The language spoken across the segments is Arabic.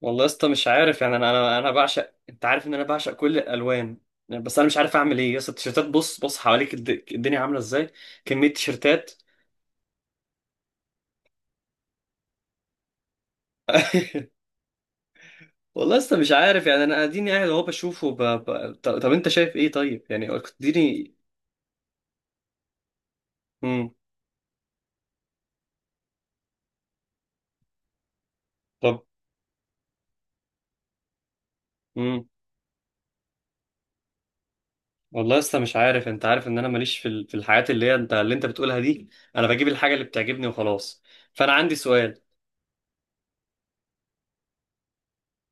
والله يا اسطى مش عارف يعني انا بعشق، انت عارف ان انا بعشق كل الالوان. يعني بس انا مش عارف اعمل ايه يا اسطى التيشيرتات. بص بص حواليك الدنيا عامله ازاي. كميه تيشيرتات والله لسه مش عارف يعني، انا اديني قاعد اهو بشوفه طب انت شايف ايه، طيب يعني كنت اديني. امم. طب. امم. والله لسه مش عارف. انت عارف ان انا ماليش في الحاجات اللي هي انت اللي انت بتقولها دي. انا بجيب الحاجه اللي بتعجبني وخلاص. فانا عندي سؤال.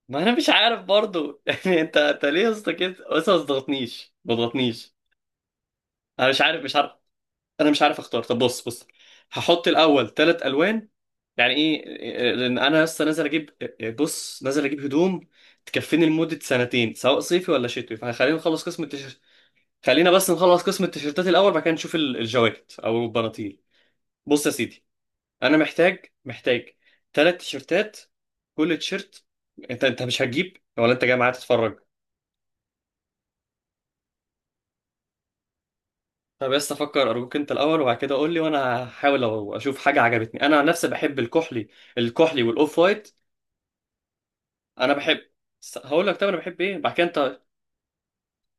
ما انا مش عارف برضو يعني انت ليه يا اسطى كده؟ بس ما تضغطنيش ما تضغطنيش. انا مش عارف مش عارف. انا مش عارف اختار. طب بص بص، هحط الاول ثلاث الوان. يعني ايه إيه؟ لان انا لسه نازل اجيب إيه، بص، نازل اجيب هدوم تكفيني لمده سنتين، سواء صيفي ولا شتوي. فخلينا نخلص قسم التيشيرت. خلينا بس نخلص قسم التيشيرتات الاول، بعد كده نشوف الجواكت او البناطيل. بص يا سيدي، انا محتاج محتاج ثلاث تيشيرتات. كل تيشيرت. انت مش هتجيب ولا انت جاي معايا تتفرج؟ طب بس افكر ارجوك، انت الاول وبعد كده قول لي وانا هحاول لو اشوف حاجه عجبتني. انا عن نفسي بحب الكحلي. الكحلي والاوف وايت. انا بحب هقول لك، طب انا بحب ايه بعد كده انت.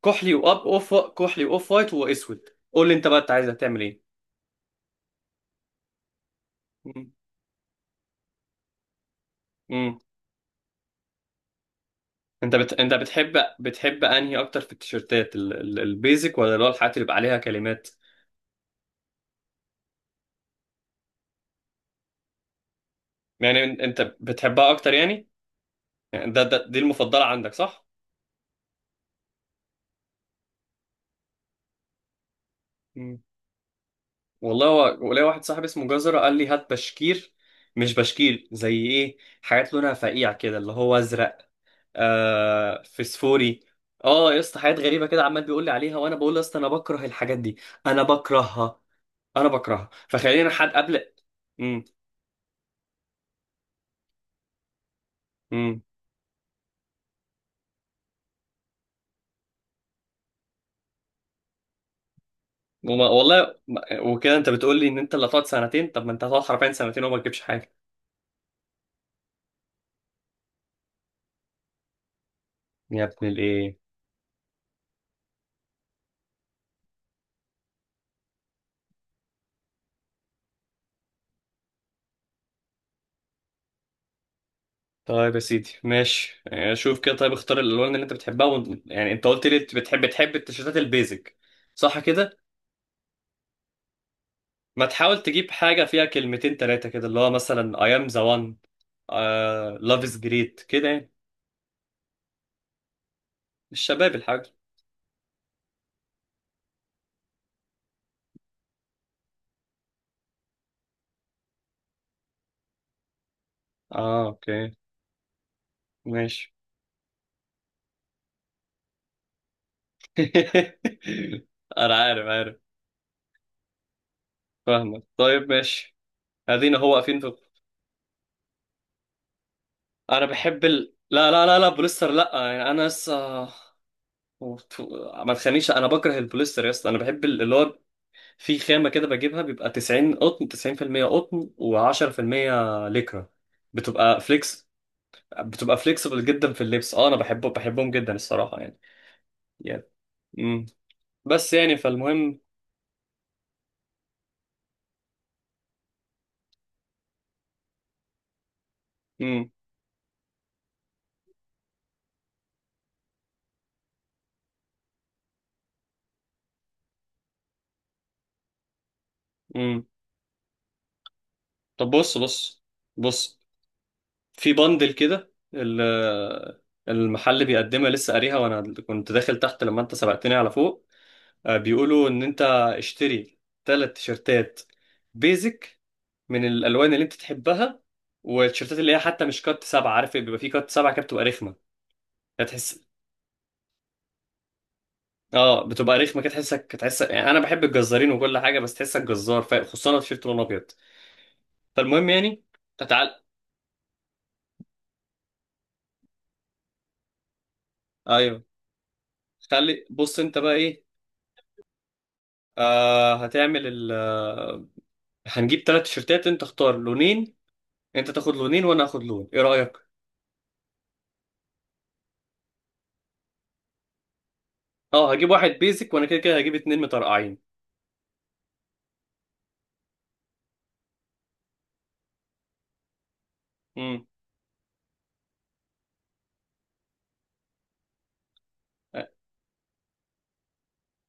كحلي كحلي واوف وايت واسود. قول لي انت بقى، انت عايز تعمل ايه؟ مم. مم. انت بتحب انهي اكتر في التيشيرتات البيزك، ولا اللي هو الحاجات اللي بيبقى عليها كلمات؟ يعني انت بتحبها اكتر، يعني ده دي المفضله عندك، صح؟ مم. والله هو ولاقي واحد صاحبي اسمه جزرة قال لي هات بشكير، مش بشكير زي ايه، حاجات لونها فقيع كده اللي هو ازرق. آه، فسفوري. اه يا اسطى، حاجات غريبة كده عمال بيقول لي عليها، وانا بقول له يا اسطى انا بكره الحاجات دي. انا بكرهها انا بكرهها فخلينا حد قبل. امم. امم. وما- والله ما- وكده انت بتقول لي ان انت اللي هتقعد سنتين، طب ما انت هتقعد حرفيا سنتين وما تجيبش حاجة؟ يا ابن الايه. طيب يا سيدي، ماشي. آه، شوف كده، طيب اختار الالوان اللي انت بتحبها يعني انت قلت لي بتحب تحب التيشيرتات البيزك، صح كده؟ ما تحاول تجيب حاجه فيها كلمتين ثلاثه كده، اللي هو مثلا I am the one، آه... love is great كده يعني. الشباب الحاج. اه، اوكي، ماشي انا عارف عارف، فاهمك، طيب ماشي. ادينا هو واقفين في. انا بحب لا لا لا لا، بوليستر لا، يعني انا لسه. ما تخنيش، انا بكره البوليستر يا اسطى. انا بحب اللي هو في خامة كده بجيبها بيبقى 90 قطن، 90% قطن و10% ليكرا، بتبقى فليكس، بتبقى فليكسبل جدا في اللبس. اه، انا بحبه بحبهم جدا الصراحة، يعني. يعني. امم. بس يعني فالمهم. امم. امم. طب بص بص بص. في بندل كده المحل بيقدمها لسه قاريها وانا كنت داخل تحت لما انت سبقتني على فوق. آه، بيقولوا ان انت اشتري ثلاث تيشرتات بيزك من الالوان اللي انت تحبها. والتيشيرتات اللي هي حتى مش كات سبعة، عارف بيبقى في كات سبعة كده، بتبقى رخمة كده تحس. اه، بتبقى رخمة كده تحس، يعني انا بحب الجزارين وكل حاجة، بس تحسك جزار، خصوصا لو تيشيرت لونه ابيض. فالمهم يعني. تعال. ايوه. خلي بص انت بقى ايه، آه، هتعمل ال آه، هنجيب ثلاث تيشيرتات، انت اختار لونين. انت تاخد لونين وانا اخد لون، ايه رأيك؟ اه، هجيب واحد بيزك، وانا كده كده هجيب اتنين مترقعين. امم.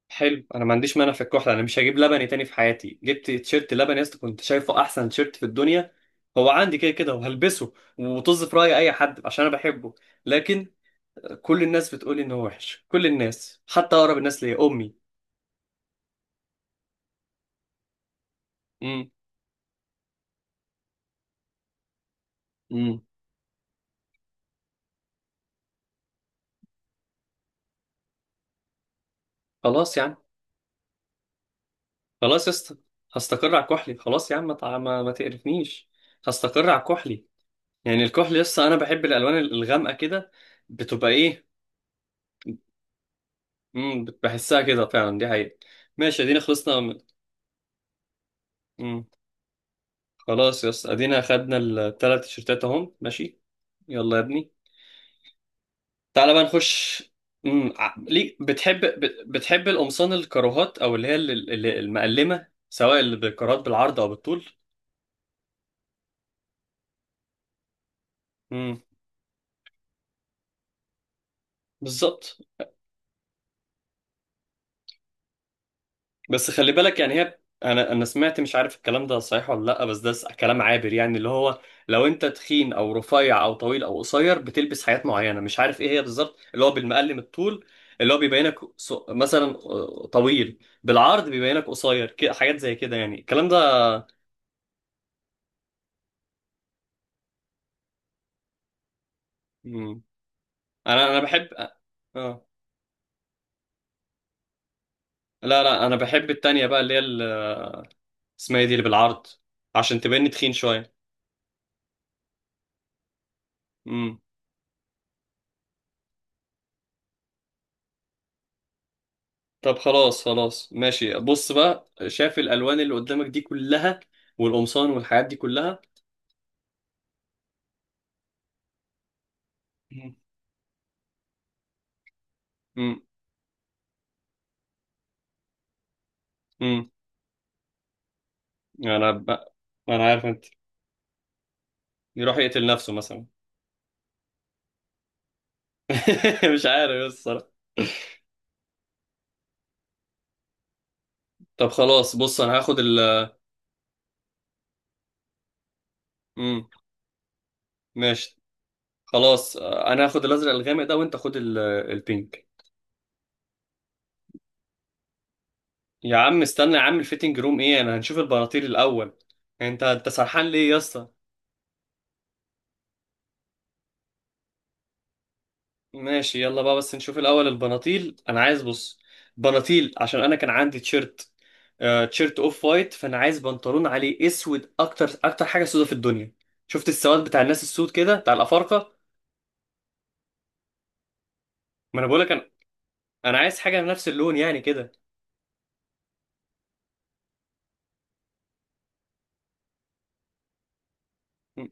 حلو، انا ما عنديش مانع في الكحل. انا مش هجيب لبني تاني في حياتي. جبت تيشيرت لبني يا اسطى كنت شايفه احسن تيشيرت في الدنيا. هو عندي كده كده وهلبسه، وطز في راي اي حد عشان انا بحبه. لكن كل الناس بتقولي ان هو وحش، كل الناس حتى اقرب الناس ليا امي. امم. امم. خلاص يا عم. خلاص يا اسطى، هستقر على كحلي. خلاص يا عم، ما تع- ما ما تقرفنيش. هستقر على كحلي. يعني الكحل يا اسطى، انا بحب الالوان الغامقه كده، بتبقى ايه. امم، بحسها كده فعلا، دي حقيقة. ماشي، ادينا خلصنا مم. خلاص يا اسطى ادينا خدنا الثلاث تيشيرتات اهم، ماشي. يلا يا ابني، تعالى بقى نخش. امم. ليك، بتحب القمصان الكاروهات، او اللي هي المقلمه، سواء اللي بالكارات بالعرض او بالطول. امم. بالظبط. بس خلي بالك يعني هي، انا انا سمعت مش عارف الكلام ده صحيح ولا لا، بس ده كلام عابر يعني، اللي هو لو انت تخين او رفيع او طويل او قصير بتلبس حاجات معينه، مش عارف ايه هي بالظبط، اللي هو بالمقلم الطول اللي هو بيبينك، مثلا، آه، طويل بالعرض بيبينك قصير كده، حاجات زي كده، يعني الكلام ده. مم. انا بحب، اه، لا لا، انا بحب التانية بقى، اللي هي اسمها ايه دي اللي بالعرض، عشان تبيني تخين شويه. طب خلاص خلاص ماشي، بص بقى، شاف الالوان اللي قدامك دي كلها، والقمصان والحاجات دي كلها. مم. مم. مم. انا بقى. انا عارف انت، يروح يقتل نفسه مثلا مش عارف بس الصراحه. طب خلاص بص، انا هاخد مم. ماشي خلاص، آه، انا هاخد الازرق الغامق ده، وانت خد البينك. يا عم استنى يا عم، الفيتنج روم ايه؟ انا هنشوف البناطيل الاول. انت سرحان ليه يا اسطى؟ ماشي، يلا بقى بس نشوف الاول البناطيل. انا عايز، بص، بناطيل عشان انا كان عندي تيشيرت، آه تيشيرت اوف وايت، فانا عايز بنطلون عليه اسود، اكتر اكتر حاجه سودة في الدنيا، شفت السواد بتاع الناس السود كده بتاع الافارقه. ما انا بقولك انا، انا عايز حاجه نفس اللون يعني كده. م-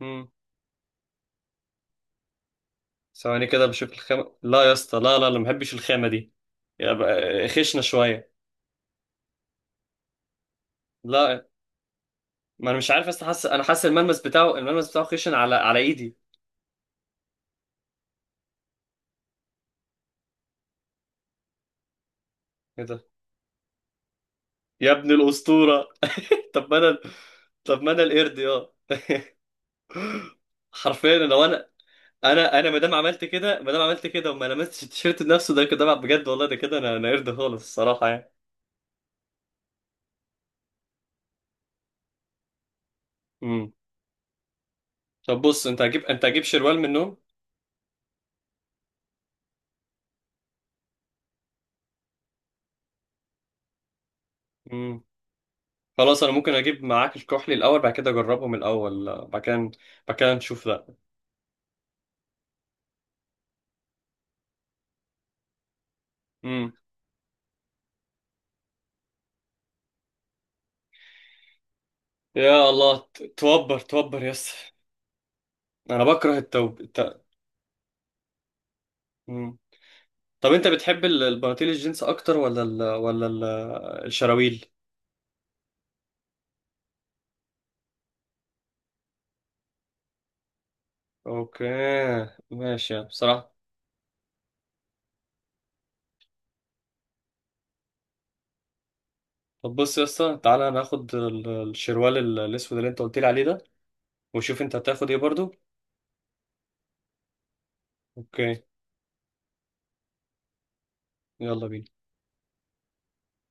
م. ثواني كده بشوف الخامه. لا يا اسطى، لا لا لا، ما بحبش الخامه دي، يبقى خشنه شويه. لا، ما انا مش عارف اصلا، حاسس، انا حاسس الملمس بتاعه، الملمس بتاعه خشن على على ايدي كده. يا ابن الاسطوره. طب ما انا طب ما انا القرد يا حرفيا لو انا، انا ما دام عملت كده، ما دام عملت كده وما لمستش التيشيرت نفسه، ده كده بقى بجد والله، ده كده انا قرد خالص الصراحه يعني. امم. طب بص، انت هجيب، انت هجيب شروال من النوم. امم. خلاص، انا ممكن اجيب معاك الكحلي الاول، بعد كده اجربهم الاول، بعد كده. بعد كده نشوف ده. امم. يا الله، توبر توبر يس. انا بكره التوب مم. طب انت بتحب البناطيل الجينز اكتر، ولا الشراويل؟ اوكي، ماشي يعني بصراحة. طب بص يا اسطى، تعالى ناخد الشروال الاسود اللي انت قلت لي عليه ده. وشوف انت هتاخد ايه برضو. اوكي. يلا بينا.